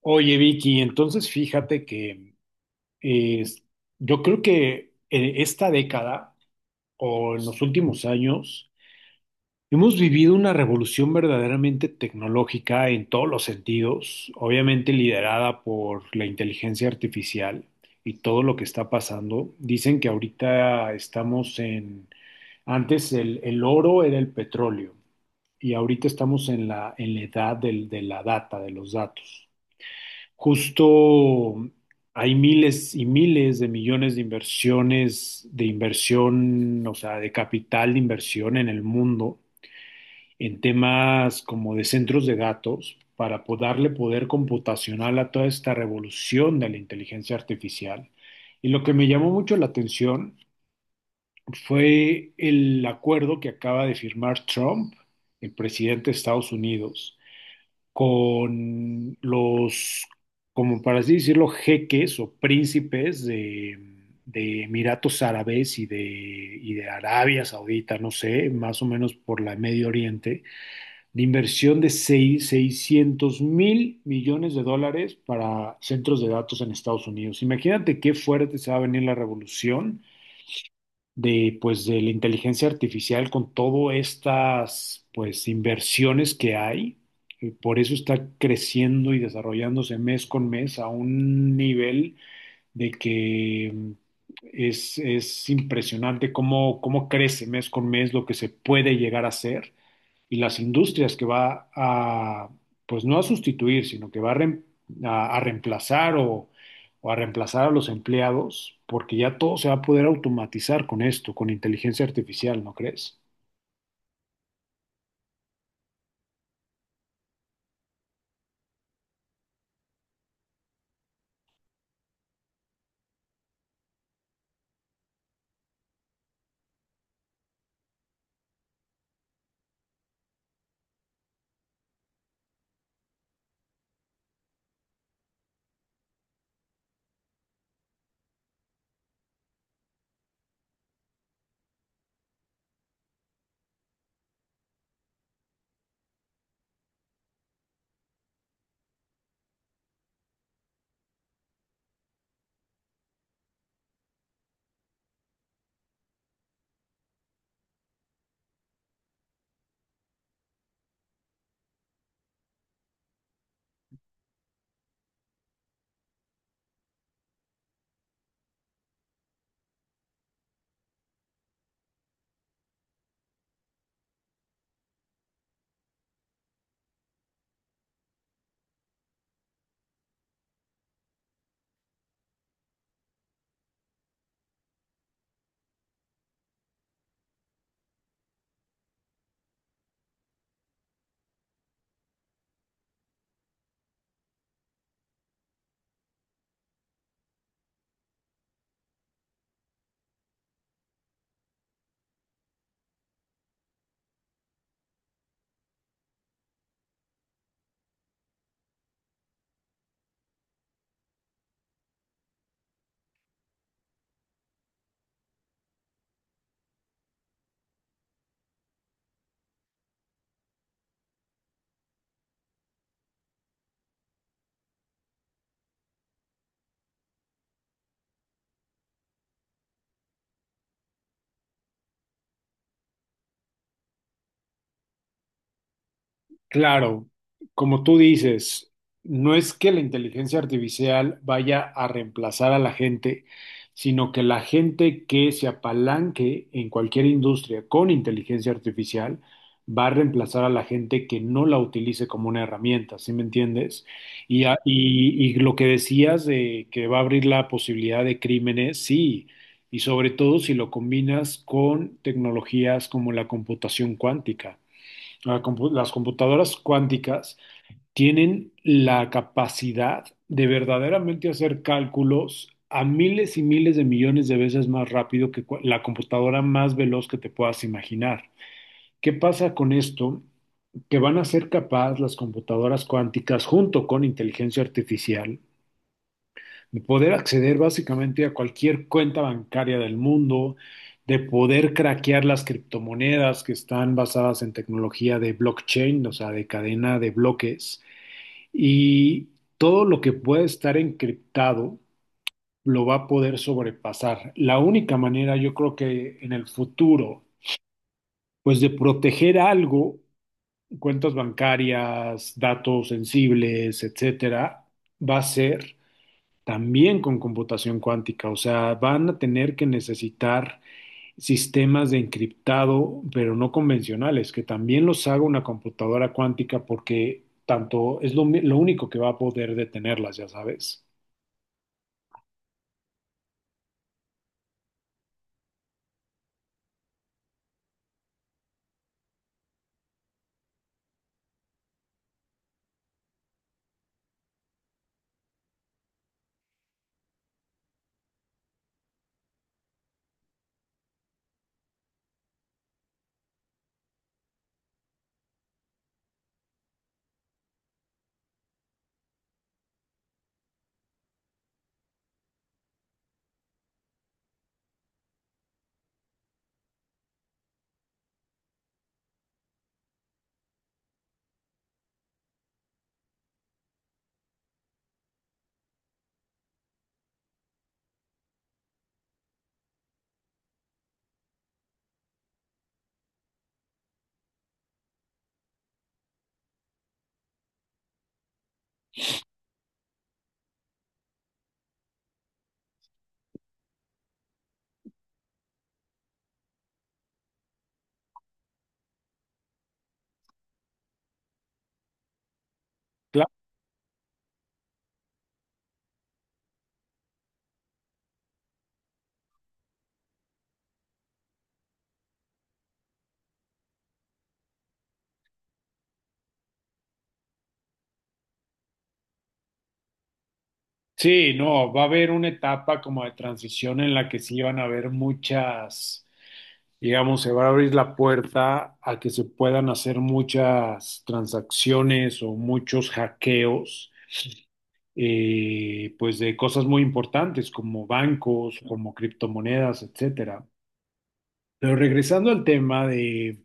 Oye, Vicky, entonces fíjate que eh, yo creo que en esta década o en los últimos años hemos vivido una revolución verdaderamente tecnológica en todos los sentidos, obviamente liderada por la inteligencia artificial y todo lo que está pasando. Dicen que ahorita estamos en, antes el oro era el petróleo y ahorita estamos en la edad de la data, de los datos. Justo hay miles y miles de millones de inversiones, de inversión, o sea, de capital de inversión en el mundo, en temas como de centros de datos, para darle poder computacional a toda esta revolución de la inteligencia artificial. Y lo que me llamó mucho la atención fue el acuerdo que acaba de firmar Trump, el presidente de Estados Unidos con los, como para así decirlo, jeques o príncipes de Emiratos Árabes y de Arabia Saudita, no sé, más o menos por la Medio Oriente, de inversión de $600.000.000.000 para centros de datos en Estados Unidos. Imagínate qué fuerte se va a venir la revolución de pues de la inteligencia artificial con todas estas pues inversiones que hay. Por eso está creciendo y desarrollándose mes con mes a un nivel de que es impresionante cómo, cómo crece mes con mes lo que se puede llegar a hacer y las industrias que va a, pues no a sustituir, sino que va a, a reemplazar o a reemplazar a los empleados, porque ya todo se va a poder automatizar con esto, con inteligencia artificial, ¿no crees? Claro, como tú dices, no es que la inteligencia artificial vaya a reemplazar a la gente, sino que la gente que se apalanque en cualquier industria con inteligencia artificial va a reemplazar a la gente que no la utilice como una herramienta, ¿sí me entiendes? Y, y lo que decías de que va a abrir la posibilidad de crímenes, sí, y sobre todo si lo combinas con tecnologías como la computación cuántica, las computadoras cuánticas tienen la capacidad de verdaderamente hacer cálculos a miles y miles de millones de veces más rápido que la computadora más veloz que te puedas imaginar. ¿Qué pasa con esto? Que van a ser capaces las computadoras cuánticas junto con inteligencia artificial de poder acceder básicamente a cualquier cuenta bancaria del mundo, de poder craquear las criptomonedas que están basadas en tecnología de blockchain, o sea, de cadena de bloques, y todo lo que puede estar encriptado lo va a poder sobrepasar. La única manera, yo creo que en el futuro, pues de proteger algo, cuentas bancarias, datos sensibles, etcétera, va a ser también con computación cuántica, o sea, van a tener que necesitar sistemas de encriptado, pero no convencionales, que también los haga una computadora cuántica porque tanto es lo, lo único que va a poder detenerlas, ya sabes. Claro. Sí, no, va a haber una etapa como de transición en la que sí van a haber muchas, digamos, se va a abrir la puerta a que se puedan hacer muchas transacciones o muchos hackeos pues de cosas muy importantes como bancos, como criptomonedas, etcétera. Pero regresando al tema de,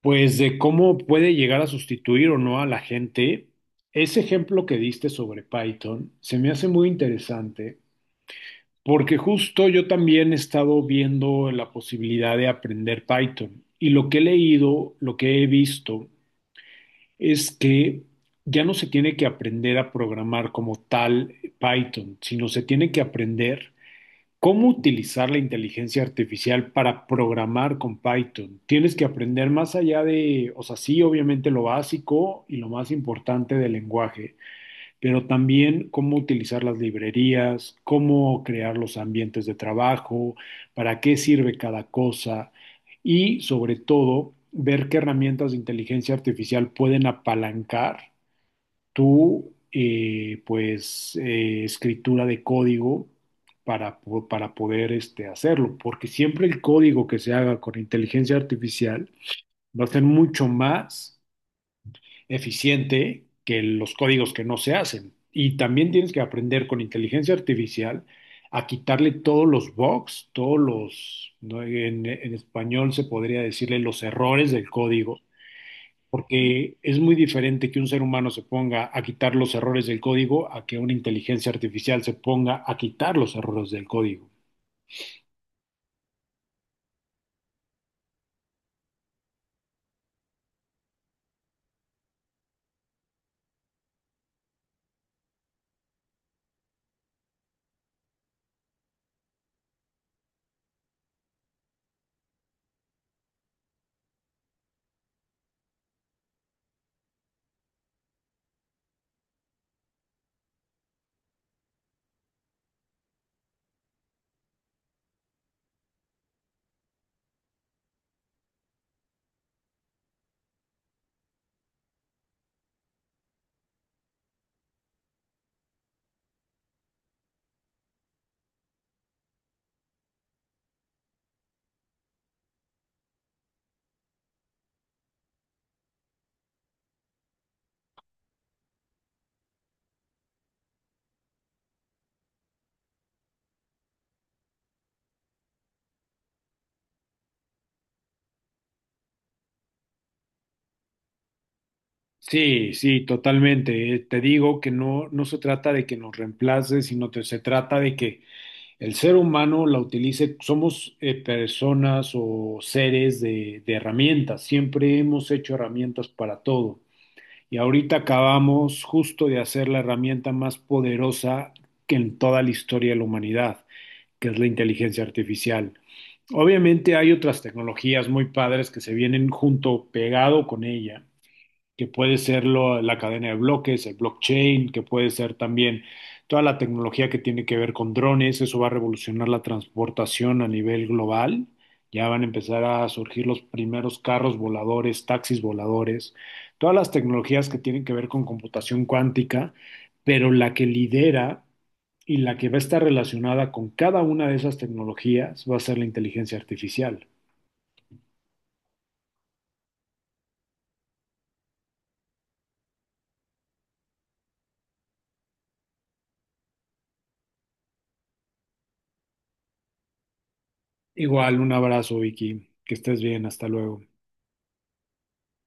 pues de cómo puede llegar a sustituir o no a la gente, ese ejemplo que diste sobre Python se me hace muy interesante porque justo yo también he estado viendo la posibilidad de aprender Python y lo que he leído, lo que he visto es que ya no se tiene que aprender a programar como tal Python, sino se tiene que aprender cómo utilizar la inteligencia artificial para programar con Python. Tienes que aprender más allá de, o sea, sí, obviamente lo básico y lo más importante del lenguaje, pero también cómo utilizar las librerías, cómo crear los ambientes de trabajo, para qué sirve cada cosa y sobre todo ver qué herramientas de inteligencia artificial pueden apalancar tu escritura de código para, para poder este, hacerlo, porque siempre el código que se haga con inteligencia artificial va a ser mucho más eficiente que los códigos que no se hacen. Y también tienes que aprender con inteligencia artificial a quitarle todos los bugs, todos los, ¿no?, en español se podría decirle los errores del código, porque es muy diferente que un ser humano se ponga a quitar los errores del código a que una inteligencia artificial se ponga a quitar los errores del código. Sí, sí, totalmente. Te digo que no, no se trata de que nos reemplace, sino que se trata de que el ser humano la utilice, somos personas o seres de herramientas, siempre hemos hecho herramientas para todo. Y ahorita acabamos justo de hacer la herramienta más poderosa que en toda la historia de la humanidad, que es la inteligencia artificial. Obviamente hay otras tecnologías muy padres que se vienen junto, pegado con ella, que puede ser la cadena de bloques, el blockchain, que puede ser también toda la tecnología que tiene que ver con drones, eso va a revolucionar la transportación a nivel global. Ya van a empezar a surgir los primeros carros voladores, taxis voladores, todas las tecnologías que tienen que ver con computación cuántica, pero la que lidera y la que va a estar relacionada con cada una de esas tecnologías va a ser la inteligencia artificial. Igual, un abrazo, Vicky, que estés bien, hasta luego.